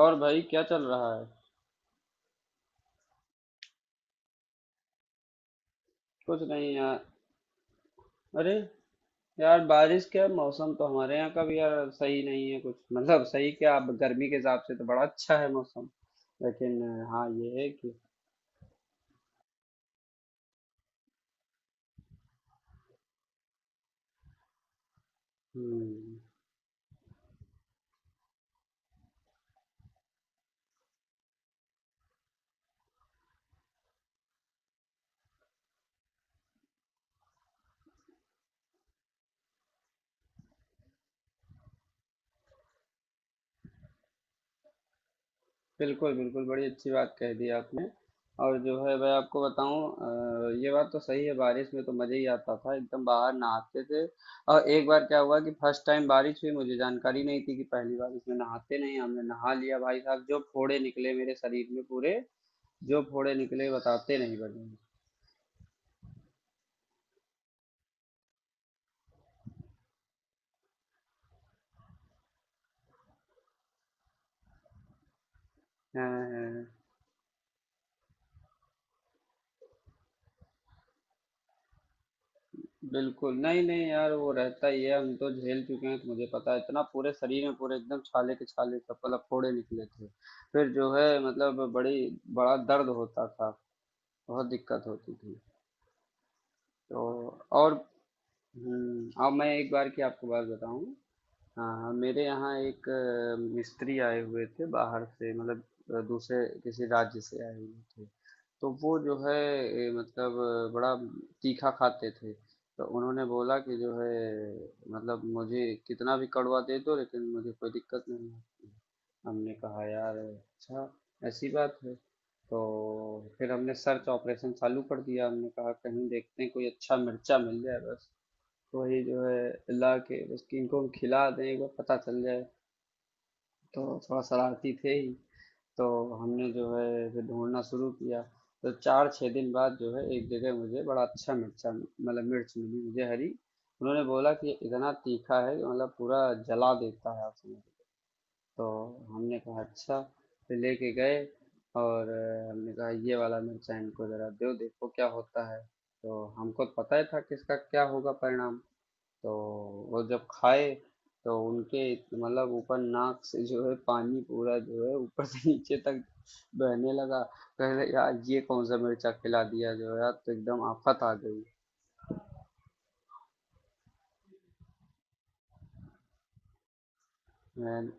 और भाई क्या चल रहा है? कुछ नहीं यार। अरे यार, बारिश क्या, मौसम तो हमारे यहाँ का भी यार सही नहीं है कुछ मतलब सही क्या, अब गर्मी के हिसाब से तो बड़ा अच्छा है मौसम। लेकिन हाँ ये है कि हम्म। बिल्कुल बिल्कुल, बड़ी अच्छी बात कह दी आपने। और जो है मैं आपको बताऊं, ये बात तो सही है, बारिश में तो मज़ा ही आता था, एकदम बाहर नहाते थे। और एक बार क्या हुआ कि फर्स्ट टाइम बारिश हुई, मुझे जानकारी नहीं थी कि पहली बार इसमें नहाते नहीं, हमने नहा लिया, भाई साहब जो फोड़े निकले मेरे शरीर में पूरे। जो फोड़े निकले बताते नहीं बने। हाँ हाँ। बिल्कुल, नहीं नहीं यार, वो रहता ही है, हम तो झेल चुके हैं तो मुझे पता है, इतना पूरे शरीर में पूरे एकदम छाले के छाले, सब मतलब फोड़े निकले थे। फिर जो है मतलब बड़ी बड़ा दर्द होता था। बहुत दिक्कत होती थी। तो और अब मैं एक बार की आपको बात बताऊं। हाँ, हाँ, मेरे यहाँ एक मिस्त्री आए हुए थे बाहर से, मतलब दूसरे किसी राज्य से आए हुए थे। तो वो जो है मतलब बड़ा तीखा खाते थे। तो उन्होंने बोला कि जो है मतलब मुझे कितना भी कड़वा दे दो, लेकिन मुझे कोई दिक्कत नहीं है। हमने कहा यार अच्छा, ऐसी बात है। तो फिर हमने सर्च ऑपरेशन चालू कर दिया, हमने कहा कहीं देखते हैं कोई अच्छा मिर्चा मिल जाए बस, वही जो है अल्लाह के बस कि इनको हम खिला दें, एक बार पता चल जाए। तो थोड़ा शरारती थे ही। तो हमने जो है फिर ढूंढना शुरू किया। तो 4-6 दिन बाद जो है एक जगह मुझे बड़ा अच्छा मिर्चा मतलब मिर्च मिली मुझे, हरी। उन्होंने बोला कि ये इतना तीखा है कि मतलब पूरा जला देता है, आप समझ। तो हमने कहा अच्छा। फिर लेके गए और हमने कहा ये वाला मिर्चा इनको ज़रा दो, देखो क्या होता है। तो हमको पता ही था कि इसका क्या होगा परिणाम। तो वो जब खाए तो उनके मतलब ऊपर नाक से जो है पानी पूरा, जो है ऊपर से नीचे तक बहने लगा। कह रहे यार ये कौन सा मिर्चा खिला दिया जो है यार, तो एकदम आफत आ गई। मैं-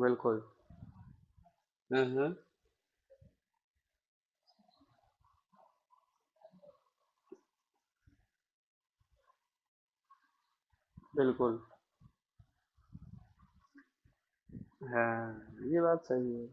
बिल्कुल, हाँ हाँ, बिल्कुल। हाँ ये बात सही है।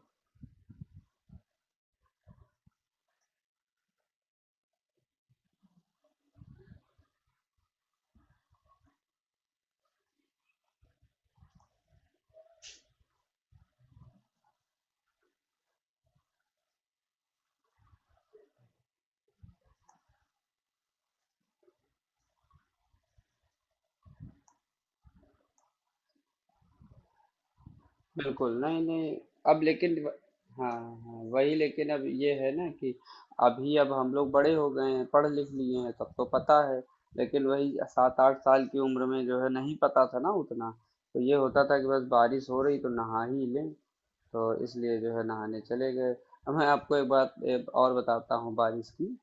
बिल्कुल, नहीं नहीं। अब लेकिन हाँ। हाँ वही, लेकिन अब ये है ना कि अभी अब हम लोग बड़े हो गए हैं, पढ़ लिख लिए हैं, तब तो पता है। लेकिन वही 7-8 साल की उम्र में जो है नहीं पता था ना उतना। तो ये होता था कि बस बारिश हो रही तो नहा ही लें। तो इसलिए जो है नहाने चले गए। अब मैं आपको एक बात एक और बताता हूँ बारिश की।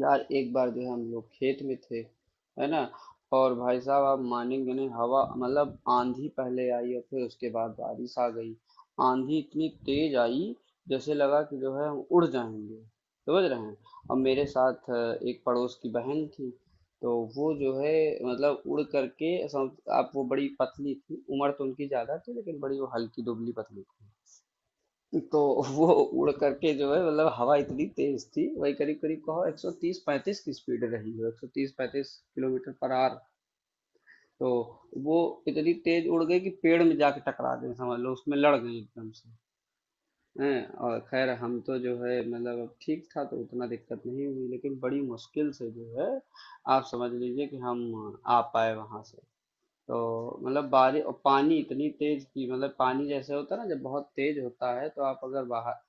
यार एक बार जो है हम लोग खेत में थे, है ना। और भाई साहब आप मानेंगे नहीं, हवा मतलब आंधी पहले आई और फिर उसके बाद बारिश आ गई। आंधी इतनी तेज आई, जैसे लगा कि जो है हम उड़ जाएंगे, समझ रहे हैं। अब मेरे साथ एक पड़ोस की बहन थी। तो वो जो है मतलब उड़ करके आप, वो बड़ी पतली थी, उम्र तो उनकी ज्यादा थी लेकिन बड़ी वो हल्की दुबली पतली थी। तो वो उड़ करके जो है मतलब हवा इतनी तेज थी, वही करीब करीब कहो 130 35 की स्पीड रही हो, 130 35 किलोमीटर पर आवर। तो वो इतनी तेज उड़ गई कि पेड़ में जाके टकरा गई, समझ लो उसमें लड़ गई एकदम से। हैं, और खैर हम तो जो है मतलब अब ठीक था तो उतना दिक्कत नहीं हुई, लेकिन बड़ी मुश्किल से जो है आप समझ लीजिए कि हम आ पाए वहां से। तो मतलब बारिश और पानी इतनी तेज की, मतलब पानी जैसे होता है ना जब बहुत तेज होता है तो आप अगर बाहर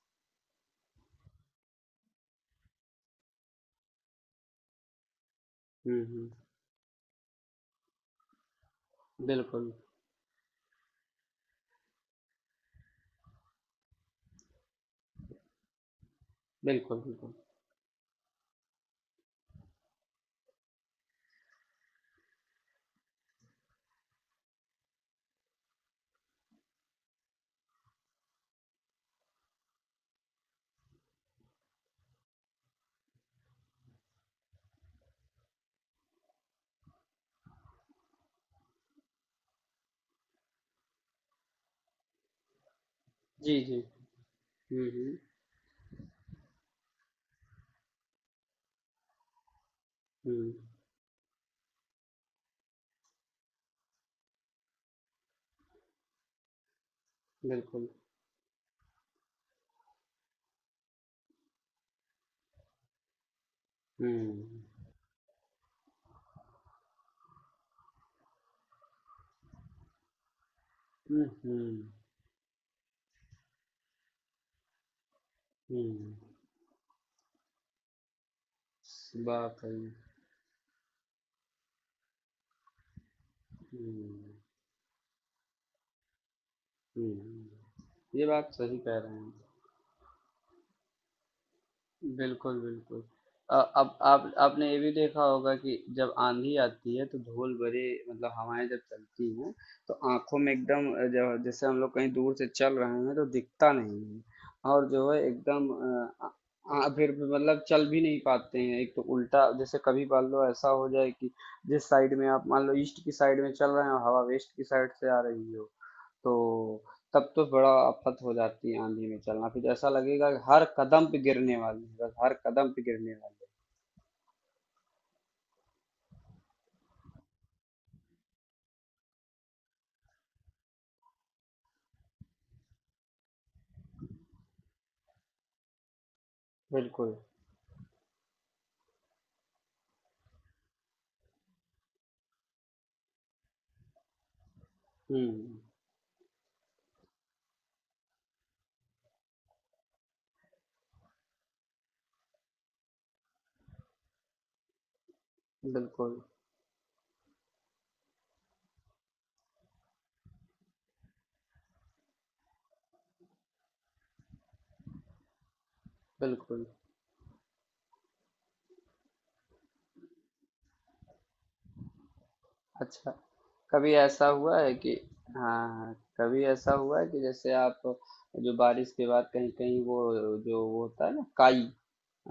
हम्म हम्म। बिल्कुल, बिल्कुल, बिल्कुल। जी, जी। हुँ, हुँ, हुँ। बिल्कुल। हुँ, हुँ, हुँ, हुँ। स बात सही है। हुँ, हुँ। ये बात सही कह रहे हैं। बिल्कुल, बिल्कुल। अब आप आपने ये भी देखा होगा कि जब आँधी आती है तो धूल भरी मतलब हवाएँ जब चलती हैं, तो आँखों में एकदम ज जैसे हम लोग कहीं दूर से चल रहे हैं तो दिखता नहीं है। और जो है एकदम फिर भी मतलब चल भी नहीं पाते हैं। एक तो उल्टा जैसे कभी मान लो ऐसा हो जाए कि जिस साइड में आप मान लो, ईस्ट की साइड में चल रहे हैं और हवा वेस्ट की साइड से आ रही हो, तो तब तो बड़ा आफत हो जाती है आंधी में चलना, फिर ऐसा लगेगा कि हर कदम पे गिरने वाले हैं, बस हर कदम पे गिरने वाले हैं। बिल्कुल। हम्म। बिल्कुल बिल्कुल। अच्छा, कभी ऐसा हुआ है कि हाँ, कभी ऐसा हुआ है कि जैसे आप जो बारिश के बाद कहीं कहीं वो, जो वो होता है ना काई,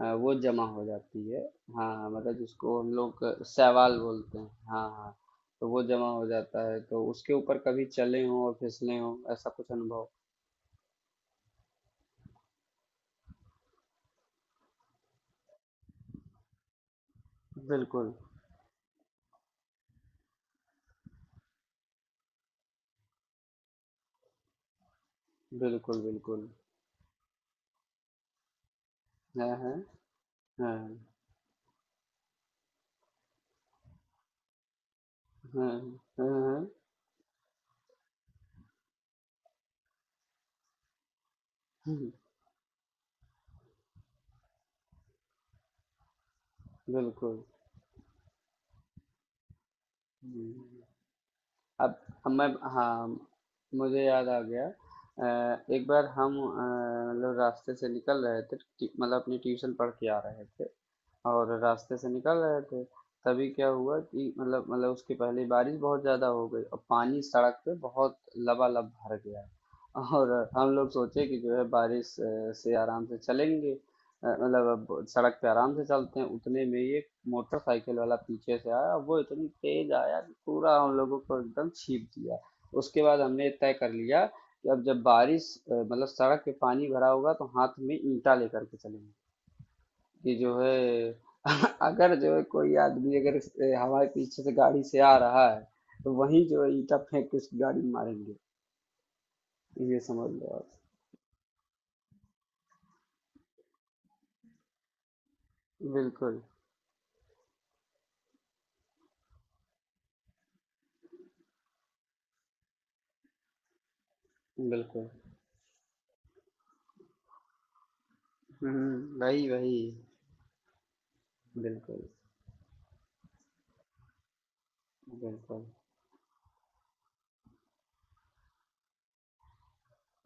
वो जमा हो जाती है। हाँ हाँ मतलब जिसको हम लोग सवाल बोलते हैं, हाँ हाँ। तो वो जमा हो जाता है, तो उसके ऊपर कभी चले हों और फिसले हों, ऐसा कुछ अनुभव। बिल्कुल, बिल्कुल, बिल्कुल। हाँ हाँ हाँ हाँ हाँ हाँ, हम्म, बिल्कुल। हम्म। अब अब मैं, हाँ मुझे याद आ गया, एक बार हम मतलब रास्ते से निकल रहे थे, मतलब अपनी ट्यूशन पढ़ के आ रहे थे। और रास्ते से निकल रहे थे। तभी क्या हुआ कि मतलब उसके पहले बारिश बहुत ज़्यादा हो गई और पानी सड़क पे बहुत लबालब भर गया। और हम लोग सोचे कि जो है बारिश से आराम से चलेंगे, मतलब अब सड़क पे आराम से चलते हैं, उतने में ये मोटरसाइकिल वाला पीछे से आया, वो इतनी तेज आया कि पूरा हम लोगों को एकदम छीप दिया। उसके बाद हमने तय कर लिया कि अब जब बारिश मतलब सड़क पे पानी भरा होगा तो हाथ में ईंटा लेकर के चलेंगे। कि जो है अगर जो है कोई आदमी अगर हमारे पीछे से गाड़ी से आ रहा है, तो वही जो है ईटा फेंक के उसकी गाड़ी में मारेंगे, ये समझ लो आप। बिल्कुल, बिल्कुल। हम्म, वही वही। बिल्कुल, बिल्कुल।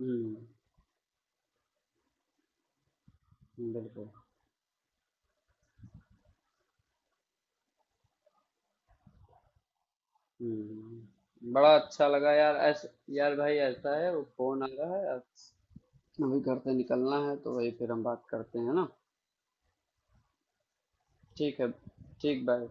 हम्म। बिल्कुल। हम्म, बड़ा अच्छा लगा यार ऐसा। यार भाई ऐसा है, वो फोन आ रहा है अब, अभी घर से निकलना है, तो वही फिर हम बात करते हैं ना। ठीक है। ठीक, बाय।